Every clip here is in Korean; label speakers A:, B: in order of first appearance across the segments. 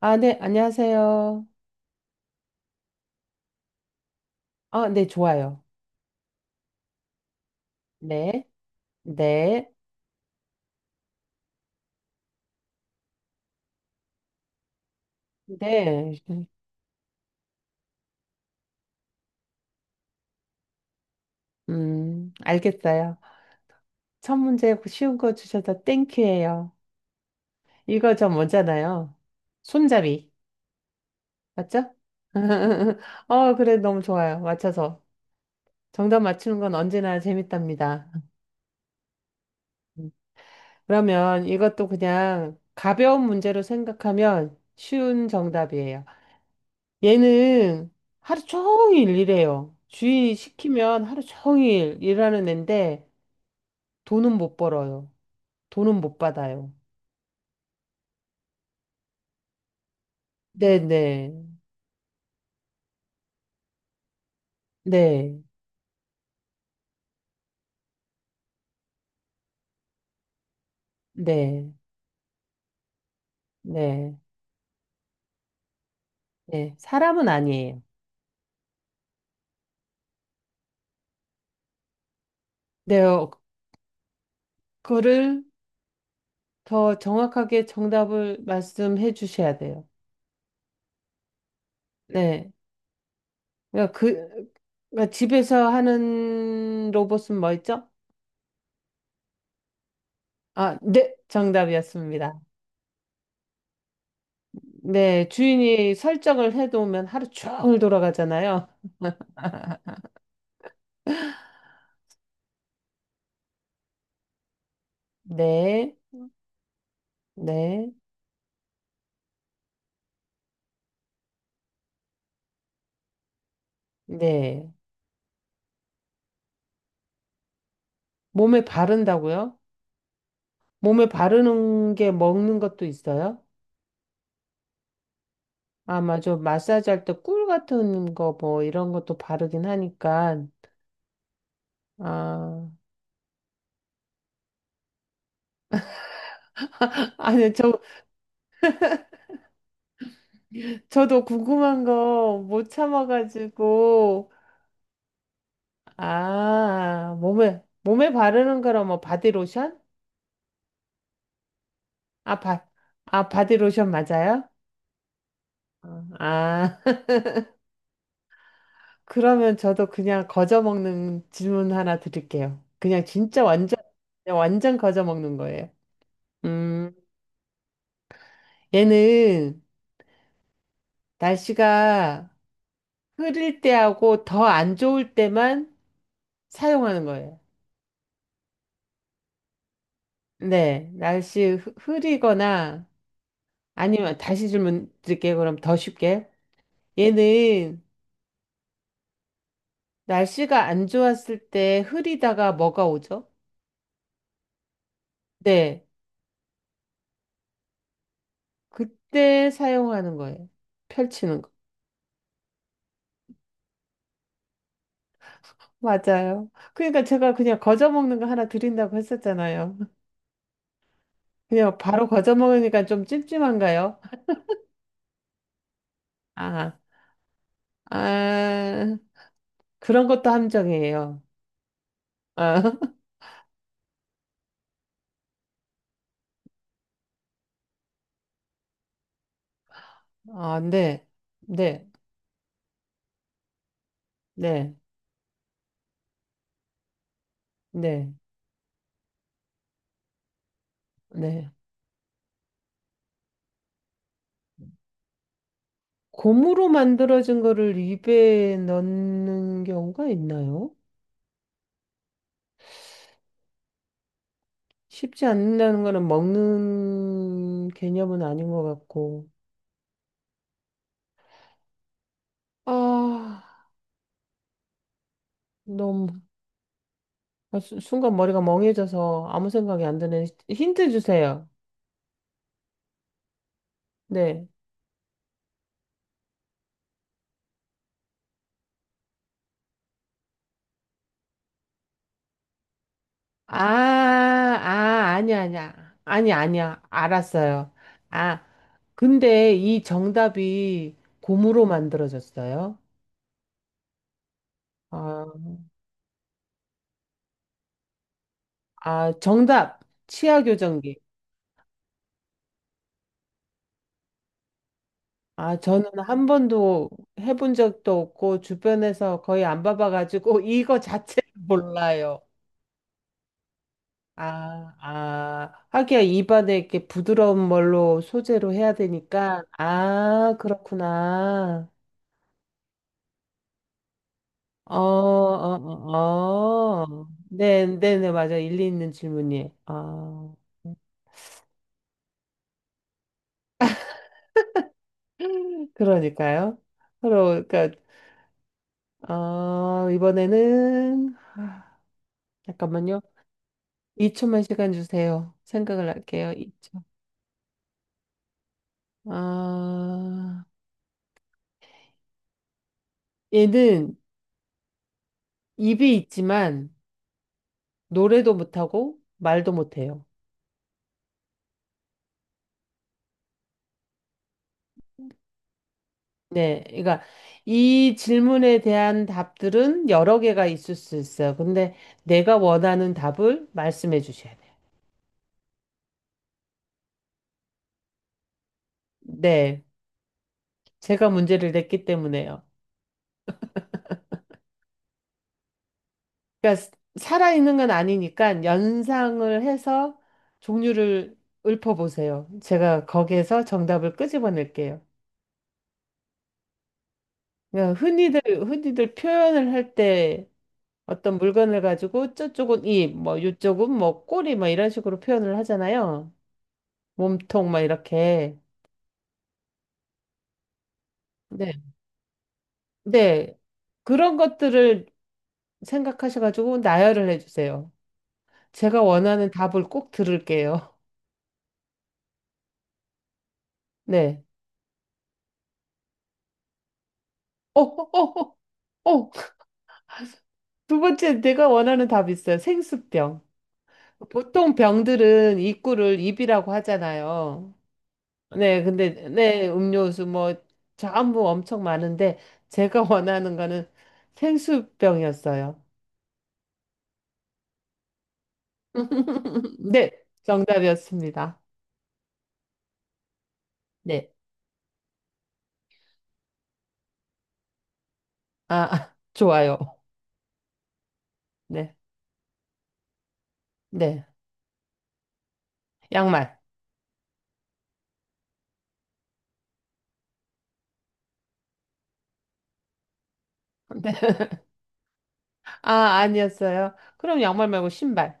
A: 아, 네, 안녕하세요. 아, 네, 좋아요. 네, 네, 네. 알겠어요. 첫 문제 쉬운 거 주셔서 땡큐예요. 이거 저 뭐잖아요. 손잡이. 맞죠? 어, 그래, 너무 좋아요. 맞춰서. 정답 맞추는 건 언제나 재밌답니다. 그러면 이것도 그냥 가벼운 문제로 생각하면 쉬운 정답이에요. 얘는 하루 종일 일해요. 주인이 시키면 하루 종일 일하는 애인데 돈은 못 벌어요. 돈은 못 받아요. 네네. 네. 네. 네. 네. 네. 사람은 아니에요. 네. 어, 그거를 더 정확하게 정답을 말씀해 주셔야 돼요. 네. 그러니까 그, 그러니까 집에서 하는 로봇은 뭐였죠? 아, 네. 정답이었습니다. 네, 주인이 설정을 해놓으면 하루 종일 돌아가잖아요. 네, 네, 네. 몸에 바른다고요? 몸에 바르는 게 먹는 것도 있어요? 아, 맞아. 마사지 할 때 꿀 같은 거 뭐 이런 것도 바르긴 하니까. 아, 아니, 저, 저도 궁금한 거 못 참아가지고. 아, 몸에, 몸에 바르는 거라 뭐 바디로션? 아, 바, 아, 바디로션 맞아요? 어, 아. 그러면 저도 그냥 거저먹는 질문 하나 드릴게요. 그냥 진짜 완전, 그냥 완전 거저먹는 거예요. 음, 얘는 날씨가 흐릴 때하고 더 안 좋을 때만 사용하는 거예요. 네, 날씨 흐리거나 아니면 다시 질문 드릴게요. 그럼 더 쉽게. 얘는 날씨가 안 좋았을 때 흐리다가 뭐가 오죠? 네, 그때 사용하는 거예요. 펼치는 맞아요. 그러니까 제가 그냥 거저 먹는 거 하나 드린다고 했었잖아요. 그냥 바로 거저 먹으니까 좀 찜찜한가요? 아, 아, 그런 것도 함정이에요. 아, 아, 네, 네, 네, 네, 네. 고무로 만들어진 거를 입에 넣는 경우가 있나요? 쉽지 않는다는 거는 먹는 개념은 아닌 것 같고. 아, 너무. 아, 순간 머리가 멍해져서 아무 생각이 안 드네. 힌트 주세요. 네. 아, 아, 아니야, 아니야. 아니, 아니야. 알았어요. 아, 근데 이 정답이 고무로 만들어졌어요. 아, 아, 정답. 치아 교정기. 아, 저는 한 번도 해본 적도 없고, 주변에서 거의 안 봐봐가지고, 이거 자체를 몰라요. 아, 아, 하기야 입안에 이렇게 부드러운 걸로 소재로 해야 되니까. 아, 그렇구나. 어, 어, 어, 어. 네, 네, 네, 맞아. 일리 있는 질문이에요. 아, 그러니까요. 그러니까, 어, 이번에는, 아, 잠깐만요. 2초만 시간 주세요. 생각을 할게요. 2초. 아, 얘는 입이 있지만, 노래도 못하고, 말도 못해요. 네, 그러니까 이 질문에 대한 답들은 여러 개가 있을 수 있어요. 근데 내가 원하는 답을 말씀해 주셔야 돼요. 네, 제가 문제를 냈기 때문에요. 그러니까 살아있는 건 아니니까 연상을 해서 종류를 읊어보세요. 제가 거기에서 정답을 끄집어낼게요. 그러니까 흔히들, 흔히들 표현을 할 때 어떤 물건을 가지고 저쪽은 입, 뭐 이쪽은 뭐 꼬리, 뭐 이런 식으로 표현을 하잖아요. 몸통, 막 이렇게. 네, 네. 그런 것들을 생각하셔가지고 나열을 해주세요. 제가 원하는 답을 꼭 들을게요. 네. 어, 어, 어, 어. 두 번째, 내가 원하는 답이 있어요. 생수병. 보통 병들은 입구를 입이라고 하잖아요. 네, 근데, 네, 음료수 뭐, 전부 엄청 많은데, 제가 원하는 거는 생수병이었어요. 네, 정답이었습니다. 네. 아, 아, 좋아요. 네, 네. 양말. 네. 아, 아니었어요. 그럼 양말 말고 신발.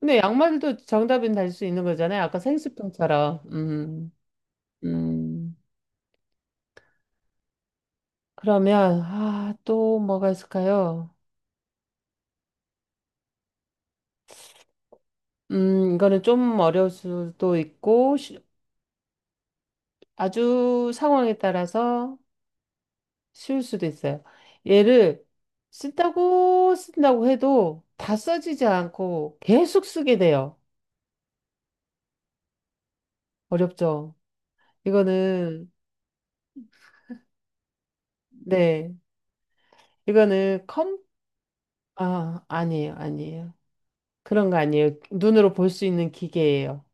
A: 근데 양말도 정답은 달 수 있는 거잖아요. 아까 생수병처럼. 음. 그러면, 아, 또 뭐가 있을까요? 이거는 좀 어려울 수도 있고, 아주 상황에 따라서 쉬울 수도 있어요. 얘를 쓴다고 쓴다고 해도 다 써지지 않고 계속 쓰게 돼요. 어렵죠? 이거는, 네. 이거는 컴 아, 아니에요, 아니에요. 그런 거 아니에요. 눈으로 볼 수 있는 기계예요.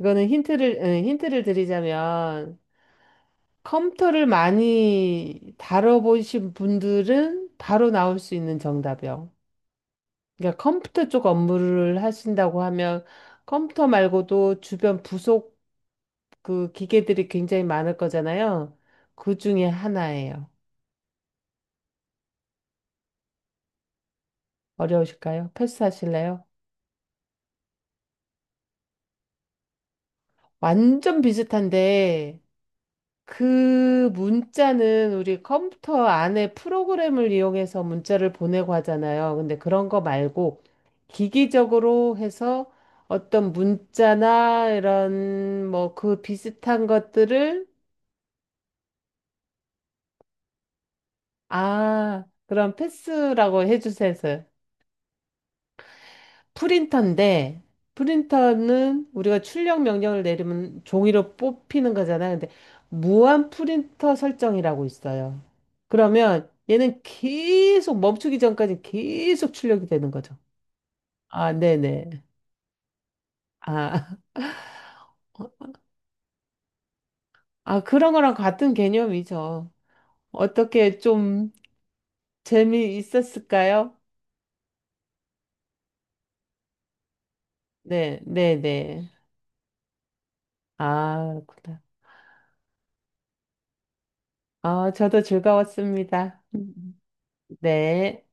A: 이거는 힌트를 드리자면, 컴퓨터를 많이 다뤄보신 분들은 바로 나올 수 있는 정답이요. 그러니까 컴퓨터 쪽 업무를 하신다고 하면, 컴퓨터 말고도 주변 부속 그 기계들이 굉장히 많을 거잖아요. 그 중에 하나예요. 어려우실까요? 패스하실래요? 완전 비슷한데, 그 문자는 우리 컴퓨터 안에 프로그램을 이용해서 문자를 보내고 하잖아요. 근데 그런 거 말고 기기적으로 해서 어떤 문자나 이런 뭐 그 비슷한 것들을 아, 그런 패스라고 해주세요. 프린터인데, 프린터는 우리가 출력 명령을 내리면 종이로 뽑히는 거잖아요. 근데 무한 프린터 설정이라고 있어요. 그러면 얘는 계속 멈추기 전까지 계속 출력이 되는 거죠. 아, 네네. 아, 아, 그런 거랑 같은 개념이죠. 어떻게 좀 재미있었을까요? 네, 네, 네. 아, 그렇구나. 아, 저도 즐거웠습니다. 네.